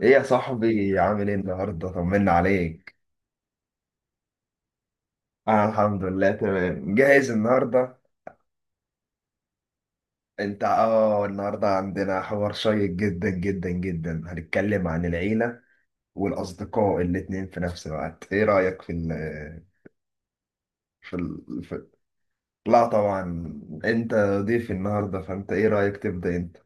ايه يا صاحبي، عامل ايه النهارده؟ طمنا عليك. انا الحمد لله تمام، جاهز النهارده. انت النهارده عندنا حوار شيق جدا جدا جدا، هنتكلم عن العيله والاصدقاء الاتنين في نفس الوقت. ايه رايك في ال في, ال في... لا طبعا. انت ضيف النهارده، فانت ايه رايك تبدا انت؟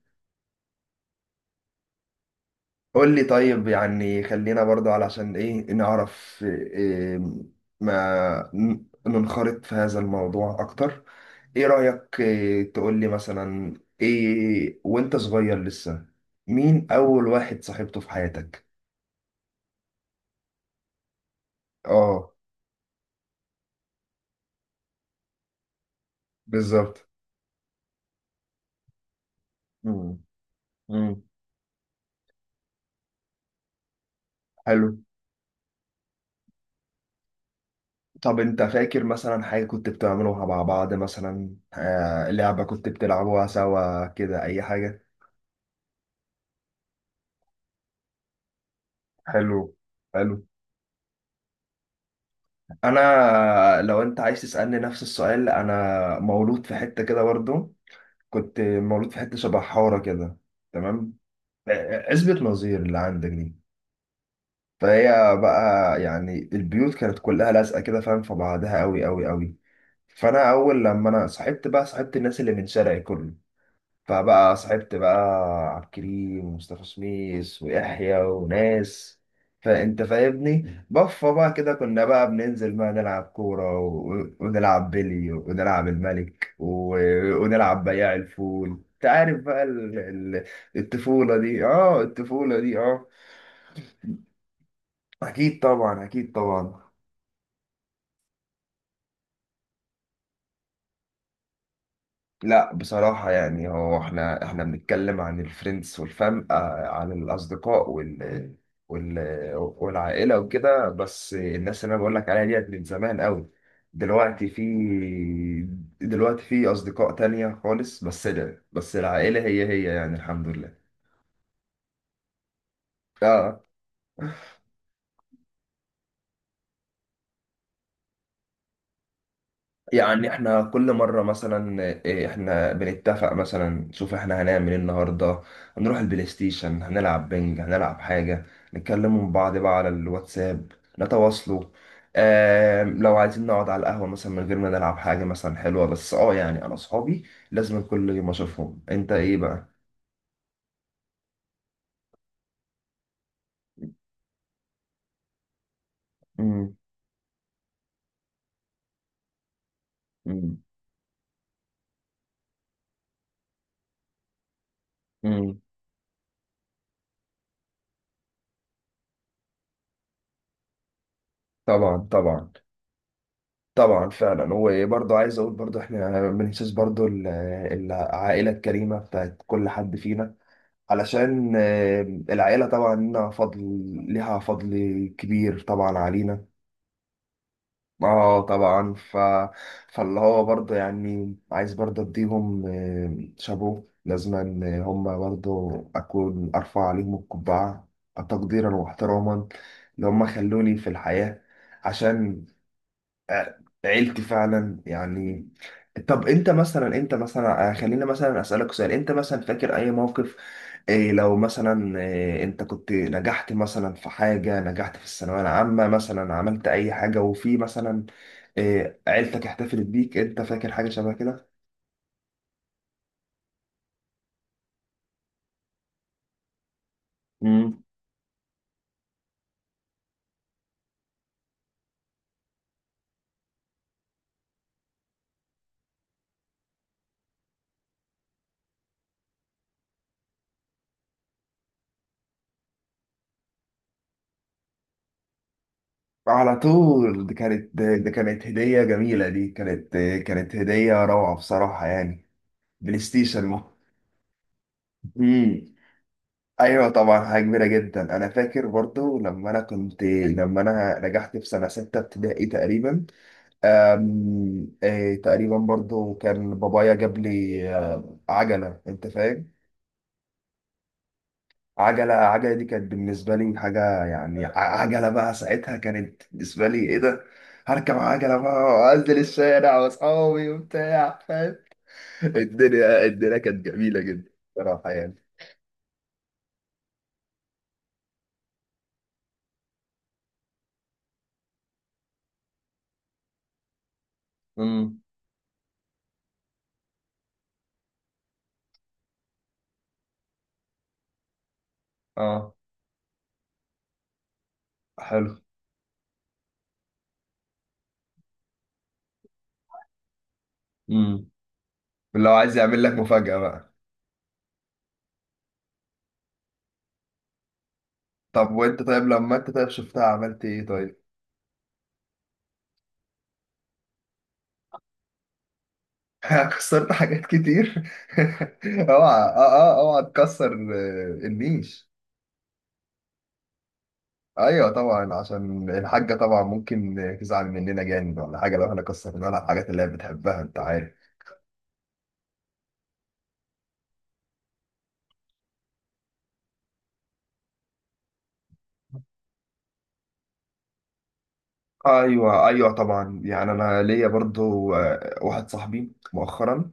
قول لي طيب، يعني خلينا برضو علشان ايه نعرف إيه، ما ننخرط في هذا الموضوع اكتر. ايه رأيك، إيه تقول لي مثلا، ايه وانت صغير لسه، مين اول واحد صاحبته في حياتك؟ اه بالظبط. مم. مم. حلو. طب انت فاكر مثلا حاجة كنت بتعملوها مع بعض، مثلا لعبة كنت بتلعبوها سوا كده، اي حاجة؟ حلو حلو. انا لو انت عايز تسالني نفس السؤال، انا مولود في حته كده برضو. كنت مولود في حته شبه حاره كده. تمام. اثبت نظير اللي عندك دي. فهي بقى يعني، البيوت كانت كلها لازقه كده، فاهم، في بعضها قوي قوي قوي. فانا اول لما انا صاحبت بقى، صاحبت الناس اللي من شارعي كله، فبقى صاحبت بقى عبد الكريم ومصطفى سميس ويحيى وناس. فانت فاهمني، بفه بقى كده كنا بقى بننزل بقى نلعب كورة ونلعب بلي ونلعب الملك ونلعب بياع الفول. انت عارف بقى الطفولة دي، اه الطفولة دي اه. اكيد طبعا، اكيد طبعا. لا بصراحة يعني، هو احنا بنتكلم عن الفريندز والفام، عن الأصدقاء وال وال والعائلة وكده. بس الناس اللي أنا بقول لك عليها ديت من زمان قوي. دلوقتي في دلوقتي في أصدقاء تانية خالص. بس لا، بس العائلة هي هي يعني، الحمد لله. اه. يعني احنا كل مرة مثلا احنا بنتفق مثلا، نشوف احنا هنعمل ايه النهاردة، هنروح البلاي ستيشن، هنلعب بنج، هنلعب حاجة، نتكلموا مع بعض بقى على الواتساب، نتواصلوا. اه لو عايزين نقعد على القهوة مثلا من غير ما نلعب حاجة مثلا حلوة، بس اه يعني انا صحابي لازم كل يوم اشوفهم، انت ايه بقى؟ مم. مم. مم. طبعا طبعا. طبعا فعلا. وبرضه عايز اقول، برضه احنا بنحسس برضه العائله الكريمه بتاعت كل حد فينا. علشان العيلة طبعا لنا فضل، لها فضل كبير طبعا علينا. اه طبعا فاللي هو برضه يعني، عايز برضه اديهم شابو لازما، هم برضه اكون ارفع عليهم القبعة تقديرا واحتراما، اللي هم خلوني في الحياة. عشان عيلتي فعلا يعني. طب انت مثلا، انت مثلا خلينا مثلا اسالك سؤال. انت مثلا فاكر اي موقف لو مثلا انت كنت نجحت مثلا في حاجه، نجحت في الثانويه العامه مثلا، عملت اي حاجه، وفي مثلا عيلتك احتفلت بيك، انت فاكر حاجه شبه كده؟ مم. على طول. دي كانت هديه جميله، دي كانت كانت هديه روعه بصراحه يعني. بلاي ستيشن. ايوه طبعا، حاجه كبيره جدا. انا فاكر برضو لما انا نجحت في سنه سته ابتدائي تقريبا. أم... آه، تقريبا برضو كان بابايا جاب لي عجله. انت فاهم، عجله دي كانت بالنسبه لي حاجه يعني. عجله بقى ساعتها كانت بالنسبه لي، ايه ده هركب عجله بقى وانزل الشارع واصحابي وبتاع فاهم. الدنيا كانت جميله جدا، صراحه يعني. امم. اه. حلو. امم. لو عايز يعمل لك مفاجاه بقى. طب وانت، طيب لما انت طيب شفتها عملت ايه طيب؟ خسرت حاجات كتير اوعى اه اه اوعى تكسر النيش. ايوه طبعا، عشان الحاجه طبعا ممكن تزعل مننا جامد ولا حاجه لو احنا كسرنا لها الحاجات اللي هي بتحبها، انت عارف. ايوه ايوه طبعا يعني. انا ليا برضو واحد صاحبي مؤخرا.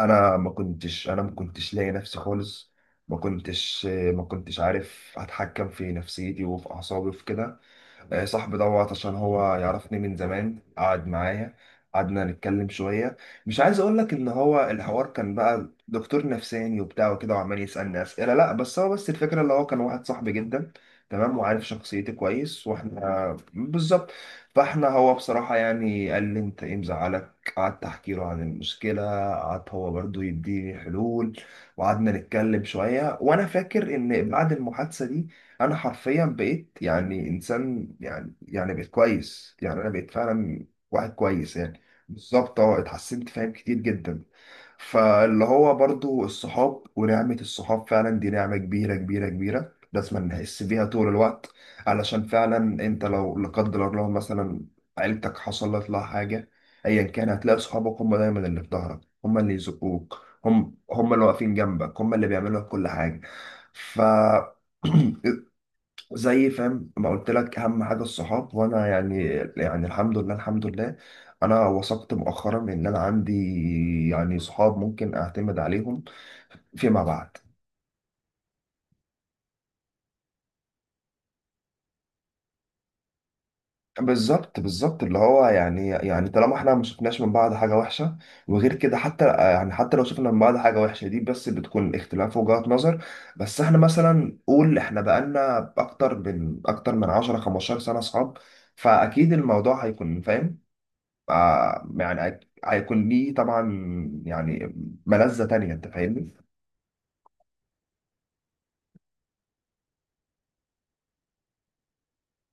انا ما كنتش لاقي نفسي خالص. ما كنتش عارف اتحكم في نفسيتي وفي اعصابي وفي كده. صاحبي دوت عشان هو يعرفني من زمان، قعد معايا، قعدنا نتكلم شوية. مش عايز اقول لك ان هو الحوار كان بقى دكتور نفساني وبتاع وكده وعمال يسألني أسئلة، لا بس الفكرة اللي هو كان واحد صاحبي جدا، تمام، وعارف شخصيتي كويس، واحنا بالظبط. فاحنا هو بصراحة يعني قال لي انت ايه مزعلك، قعدت احكي له عن المشكلة، قعد هو برضو يديني حلول، وقعدنا نتكلم شوية، وانا فاكر ان بعد المحادثة دي انا حرفيا بقيت يعني انسان، يعني بقيت كويس يعني، انا بقيت فعلا واحد كويس يعني. بالظبط اه اتحسنت فاهم، كتير جدا. فاللي هو برضو الصحاب، ونعمة الصحاب فعلا دي نعمة كبيرة كبيرة كبيرة، لازم نحس بيها طول الوقت، علشان فعلا انت لو لا قدر الله مثلا عيلتك حصلت لها حاجة، ايا كان هتلاقي صحابك هم دايما اللي في ظهرك، هم اللي يزقوك، هم اللي واقفين جنبك، هم اللي بيعملوا لك كل حاجة. ف زي فاهم ما قلت لك، اهم حاجه الصحاب. وانا يعني، يعني الحمد لله الحمد لله، انا وثقت مؤخرا ان انا عندي يعني صحاب ممكن اعتمد عليهم فيما بعد. بالظبط بالظبط، اللي هو يعني طالما احنا ما شفناش من بعض حاجه وحشه، وغير كده حتى يعني حتى لو شفنا من بعض حاجه وحشه، دي بس بتكون اختلاف وجهات نظر. بس احنا مثلا، قول احنا بقالنا اكتر من 10 15 سنه صحاب. فاكيد الموضوع هيكون فاهم، يعني هيكون ليه طبعا، يعني ملذة تانية، انت فاهمني.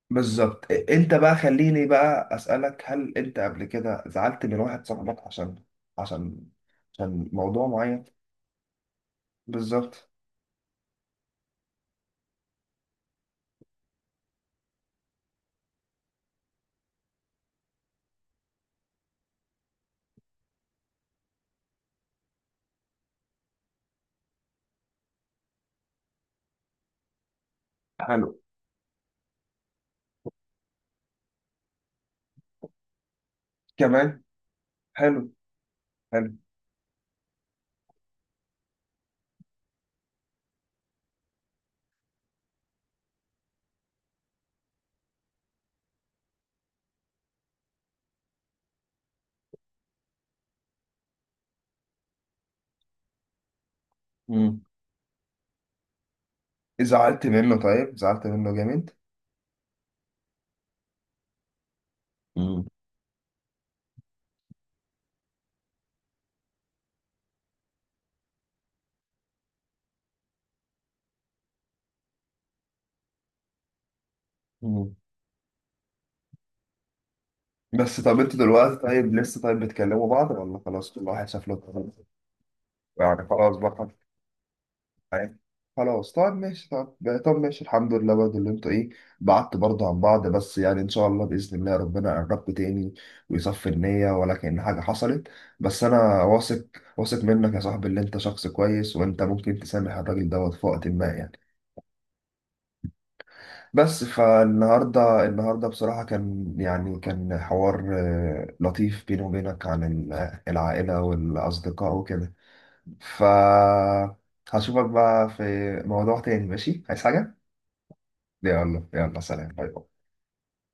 بالظبط. انت بقى خليني بقى اسألك، هل انت قبل كده زعلت من واحد صاحبك عشان عشان موضوع معين؟ بالظبط حلو كمان حلو حلو. مم. زعلت منه طيب، زعلت منه جامد. مم. مم. بس طب، انتوا دلوقتي طيب لسه طيب بتكلموا بعض ولا خلاص كل واحد شاف له طريقه؟ يعني خلاص بقى، عارف، خلاص. طب ماشي، طب طب ماشي الحمد لله برضه اللي انتوا ايه، بعدت برضه عن بعض. بس يعني ان شاء الله، باذن الله ربنا يقربكم تاني ويصفي النية ولا كأن حاجه حصلت. بس انا واثق، واثق منك يا صاحبي، اللي انت شخص كويس وانت ممكن تسامح الراجل دوت في وقت ما يعني. بس النهارده بصراحه كان حوار لطيف بيني وبينك عن العائله والاصدقاء وكده. ف هشوفك بقى في موضوع تاني ماشي، عايز حاجه؟ يلا يلا، سلام باي باي.